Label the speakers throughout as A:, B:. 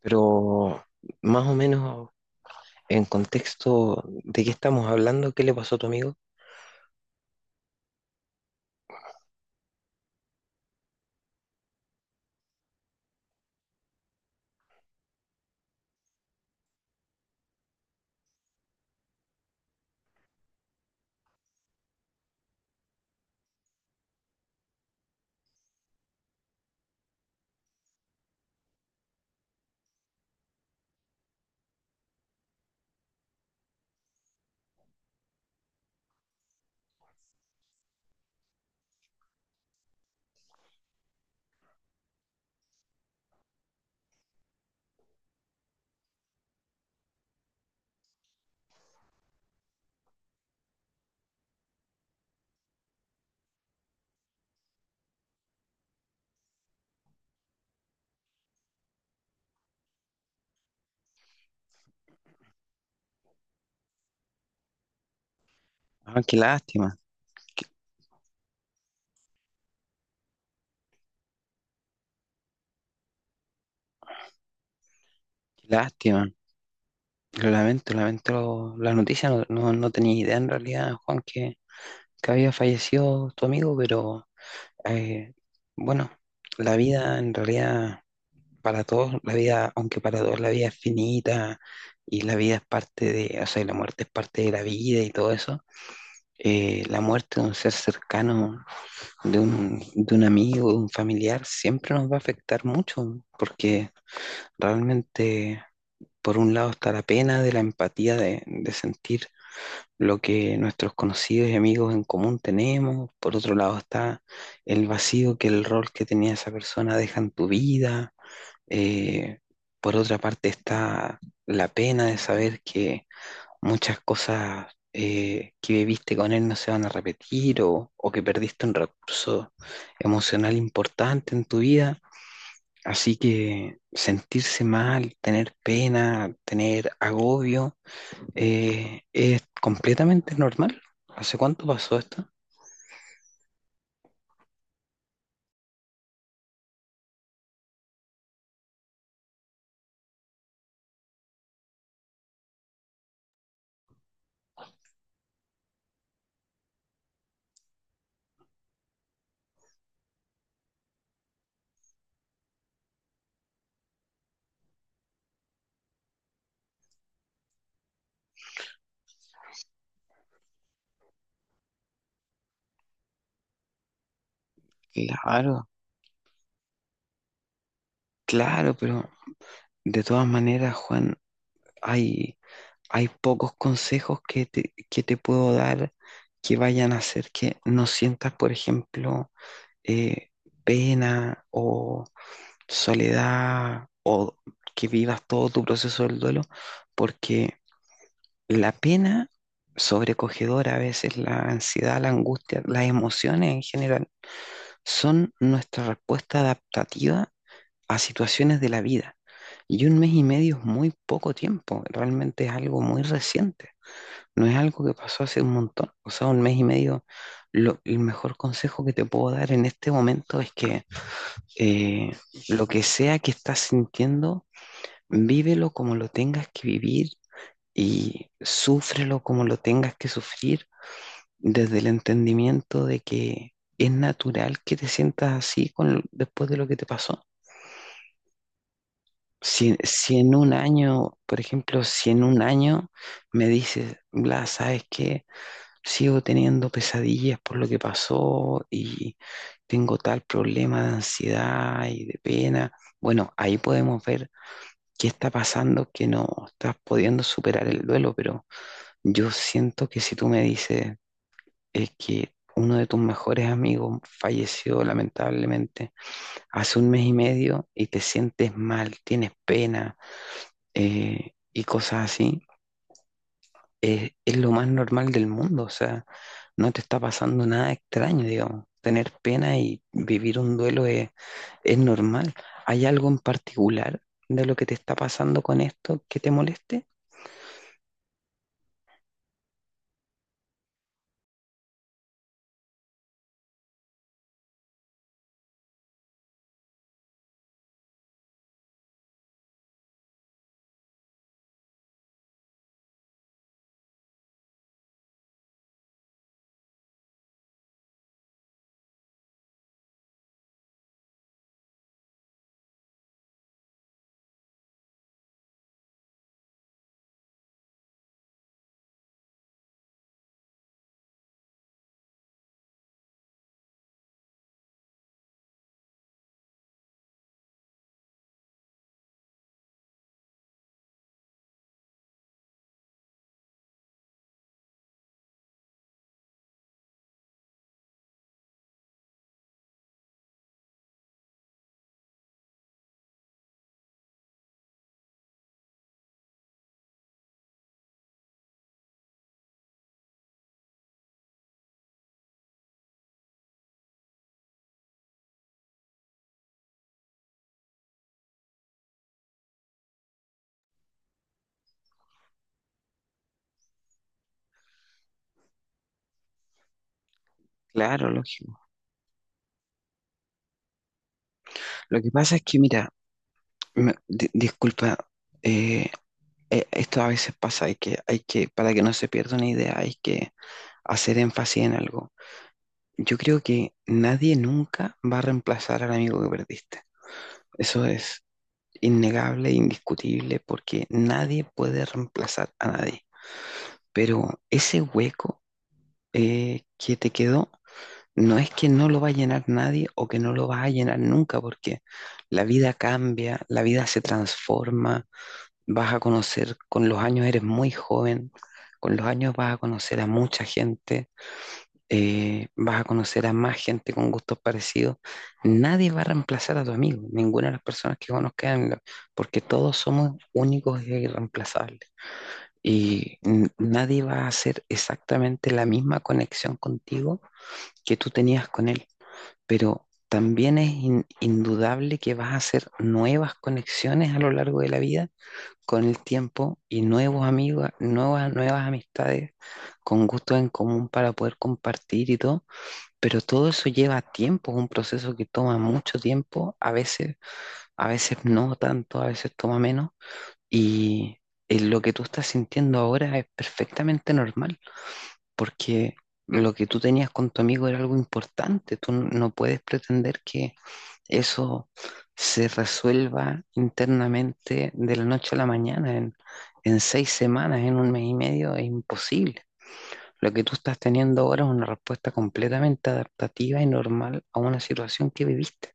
A: Pero más o menos en contexto de qué estamos hablando, ¿qué le pasó a tu amigo? Ah, qué lástima, qué lástima. Lo lamento, lamento la noticia. No, no, no tenía idea en realidad, Juan, que había fallecido tu amigo, pero eh, bueno, la vida en realidad para todos, la vida, aunque para todos la vida es finita y la vida es parte de, o sea, la muerte es parte de la vida y todo eso, la muerte de un ser cercano de un amigo, de un familiar, siempre nos va a afectar mucho, porque realmente, por un lado, está la pena de la empatía de sentir lo que nuestros conocidos y amigos en común tenemos, por otro lado está el vacío que el rol que tenía esa persona deja en tu vida. Eh, por otra parte está la pena de saber que muchas cosas que viviste con él no se van a repetir o que perdiste un recurso emocional importante en tu vida. Así que sentirse mal, tener pena, tener agobio, es completamente normal. ¿Hace cuánto pasó esto? Claro, claro, pero de todas maneras, Juan, hay, hay pocos consejos que te puedo dar que vayan a hacer que no sientas, por ejemplo, eh, pena o soledad o que vivas todo tu proceso del duelo, porque la pena sobrecogedora, a veces la ansiedad, la angustia, las emociones en general, son nuestra respuesta adaptativa a situaciones de la vida. Y un mes y medio es muy poco tiempo, realmente es algo muy reciente, no es algo que pasó hace un montón, o sea, un mes y medio, el mejor consejo que te puedo dar en este momento es que eh, lo que sea que estás sintiendo, vívelo como lo tengas que vivir y súfrelo como lo tengas que sufrir desde el entendimiento de que es natural que te sientas así con, después de lo que te pasó. Si en un año, por ejemplo, si en un año me dices, Blas, ¿sabes qué? Sigo teniendo pesadillas por lo que pasó y tengo tal problema de ansiedad y de pena. Bueno, ahí podemos ver ¿qué está pasando que no estás pudiendo superar el duelo? Pero yo siento que si tú me dices es que uno de tus mejores amigos falleció lamentablemente hace un mes y medio y te sientes mal, tienes pena y cosas así, es lo más normal del mundo. O sea, no te está pasando nada extraño, digamos. Tener pena y vivir un duelo es normal. ¿Hay algo en particular de lo que te está pasando con esto que te moleste? Claro, lógico. Lo que pasa es que, mira, disculpa, eh, esto a veces pasa, para que no se pierda una idea, hay que hacer énfasis en algo. Yo creo que nadie nunca va a reemplazar al amigo que perdiste. Eso es innegable, indiscutible, porque nadie puede reemplazar a nadie. Pero ese hueco que te quedó, no es que no lo va a llenar nadie o que no lo vas a llenar nunca, porque la vida cambia, la vida se transforma, vas a conocer, con los años eres muy joven, con los años vas a conocer a mucha gente, vas a conocer a más gente con gustos parecidos. Nadie va a reemplazar a tu amigo, ninguna de las personas que conozcan, porque todos somos únicos e irreemplazables. Y nadie va a hacer exactamente la misma conexión contigo que tú tenías con él, pero también es indudable que vas a hacer nuevas conexiones a lo largo de la vida con el tiempo y nuevos amigos, nuevas amistades con gustos en común para poder compartir y todo, pero todo eso lleva tiempo, es un proceso que toma mucho tiempo, a veces no tanto, a veces toma menos y lo que tú estás sintiendo ahora es perfectamente normal, porque lo que tú tenías con tu amigo era algo importante, tú no puedes pretender que eso se resuelva internamente de la noche a la mañana, en seis semanas, en un mes y medio, es imposible. Lo que tú estás teniendo ahora es una respuesta completamente adaptativa y normal a una situación que viviste.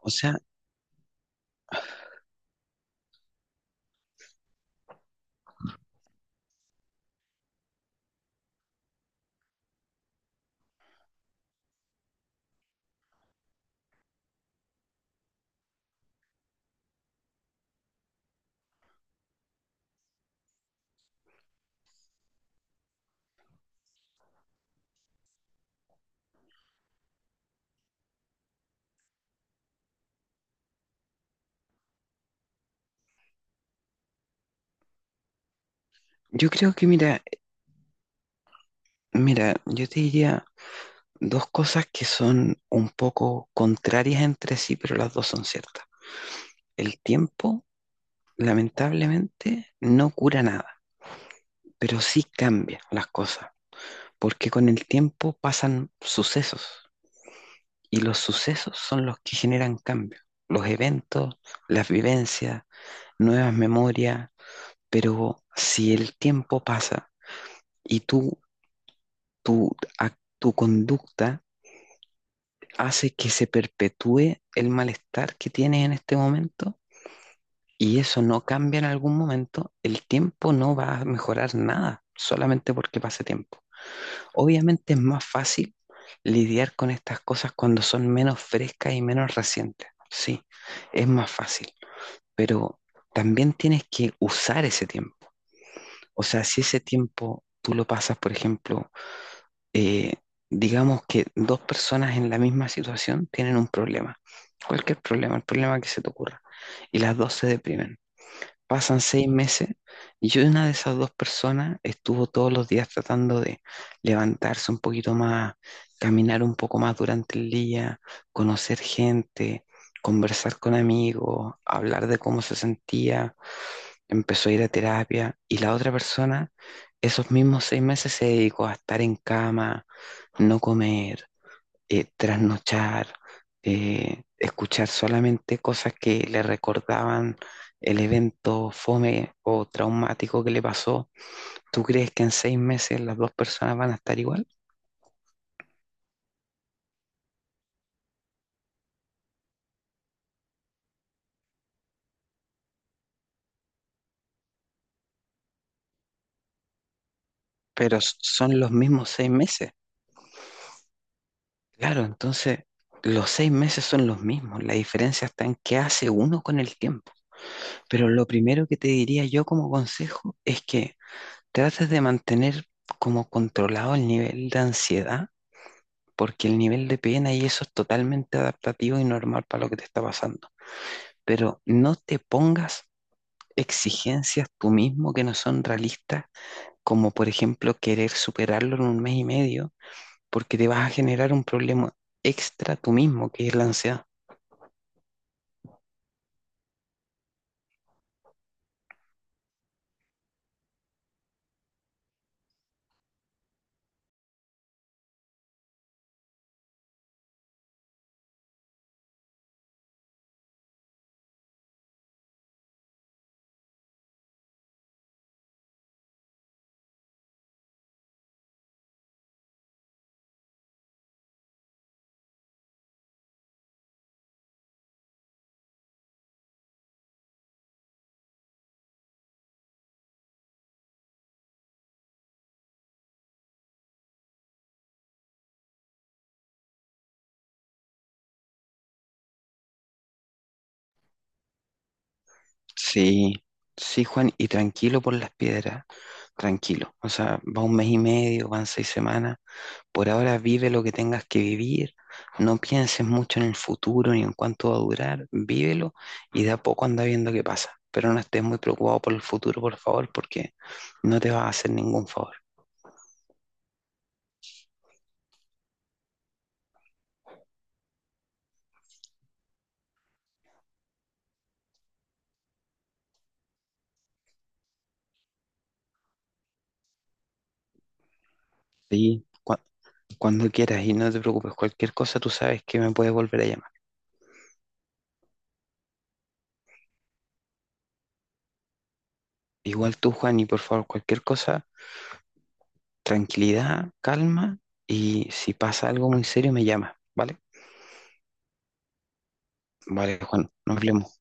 A: O sea, yo creo que, mira, mira, yo te diría dos cosas que son un poco contrarias entre sí, pero las dos son ciertas. El tiempo, lamentablemente, no cura nada, pero sí cambia las cosas, porque con el tiempo pasan sucesos y los sucesos son los que generan cambios, los eventos, las vivencias, nuevas memorias, pero si el tiempo pasa y tu, tu conducta hace que se perpetúe el malestar que tienes en este momento y eso no cambia en algún momento, el tiempo no va a mejorar nada solamente porque pase tiempo. Obviamente es más fácil lidiar con estas cosas cuando son menos frescas y menos recientes. Sí, es más fácil, pero también tienes que usar ese tiempo. O sea, si ese tiempo tú lo pasas, por ejemplo, eh, digamos que dos personas en la misma situación tienen un problema, cualquier problema, el problema que se te ocurra, y las dos se deprimen. Pasan 6 meses y yo una de esas dos personas estuvo todos los días tratando de levantarse un poquito más, caminar un poco más durante el día, conocer gente, conversar con amigos, hablar de cómo se sentía, empezó a ir a terapia y la otra persona esos mismos 6 meses se dedicó a estar en cama, no comer, trasnochar, escuchar solamente cosas que le recordaban el evento fome o traumático que le pasó. ¿Tú crees que en 6 meses las dos personas van a estar igual? Pero son los mismos 6 meses. Claro, entonces los 6 meses son los mismos. La diferencia está en qué hace uno con el tiempo. Pero lo primero que te diría yo como consejo es que trates de mantener como controlado el nivel de ansiedad, porque el nivel de pena y eso es totalmente adaptativo y normal para lo que te está pasando. Pero no te pongas exigencias tú mismo que no son realistas, como por ejemplo querer superarlo en un mes y medio, porque te vas a generar un problema extra tú mismo, que es la ansiedad. Sí, sí, Juan, y tranquilo por las piedras, tranquilo. O sea, va un mes y medio, van 6 semanas. Por ahora vive lo que tengas que vivir, no pienses mucho en el futuro ni en cuánto va a durar, vívelo y de a poco anda viendo qué pasa. Pero no estés muy preocupado por el futuro, por favor, porque no te va a hacer ningún favor. Y cuando quieras y no te preocupes, cualquier cosa tú sabes que me puedes volver a llamar. Igual tú, Juan, y por favor, cualquier cosa, tranquilidad, calma y si pasa algo muy serio me llamas, ¿vale? Vale, Juan, nos vemos.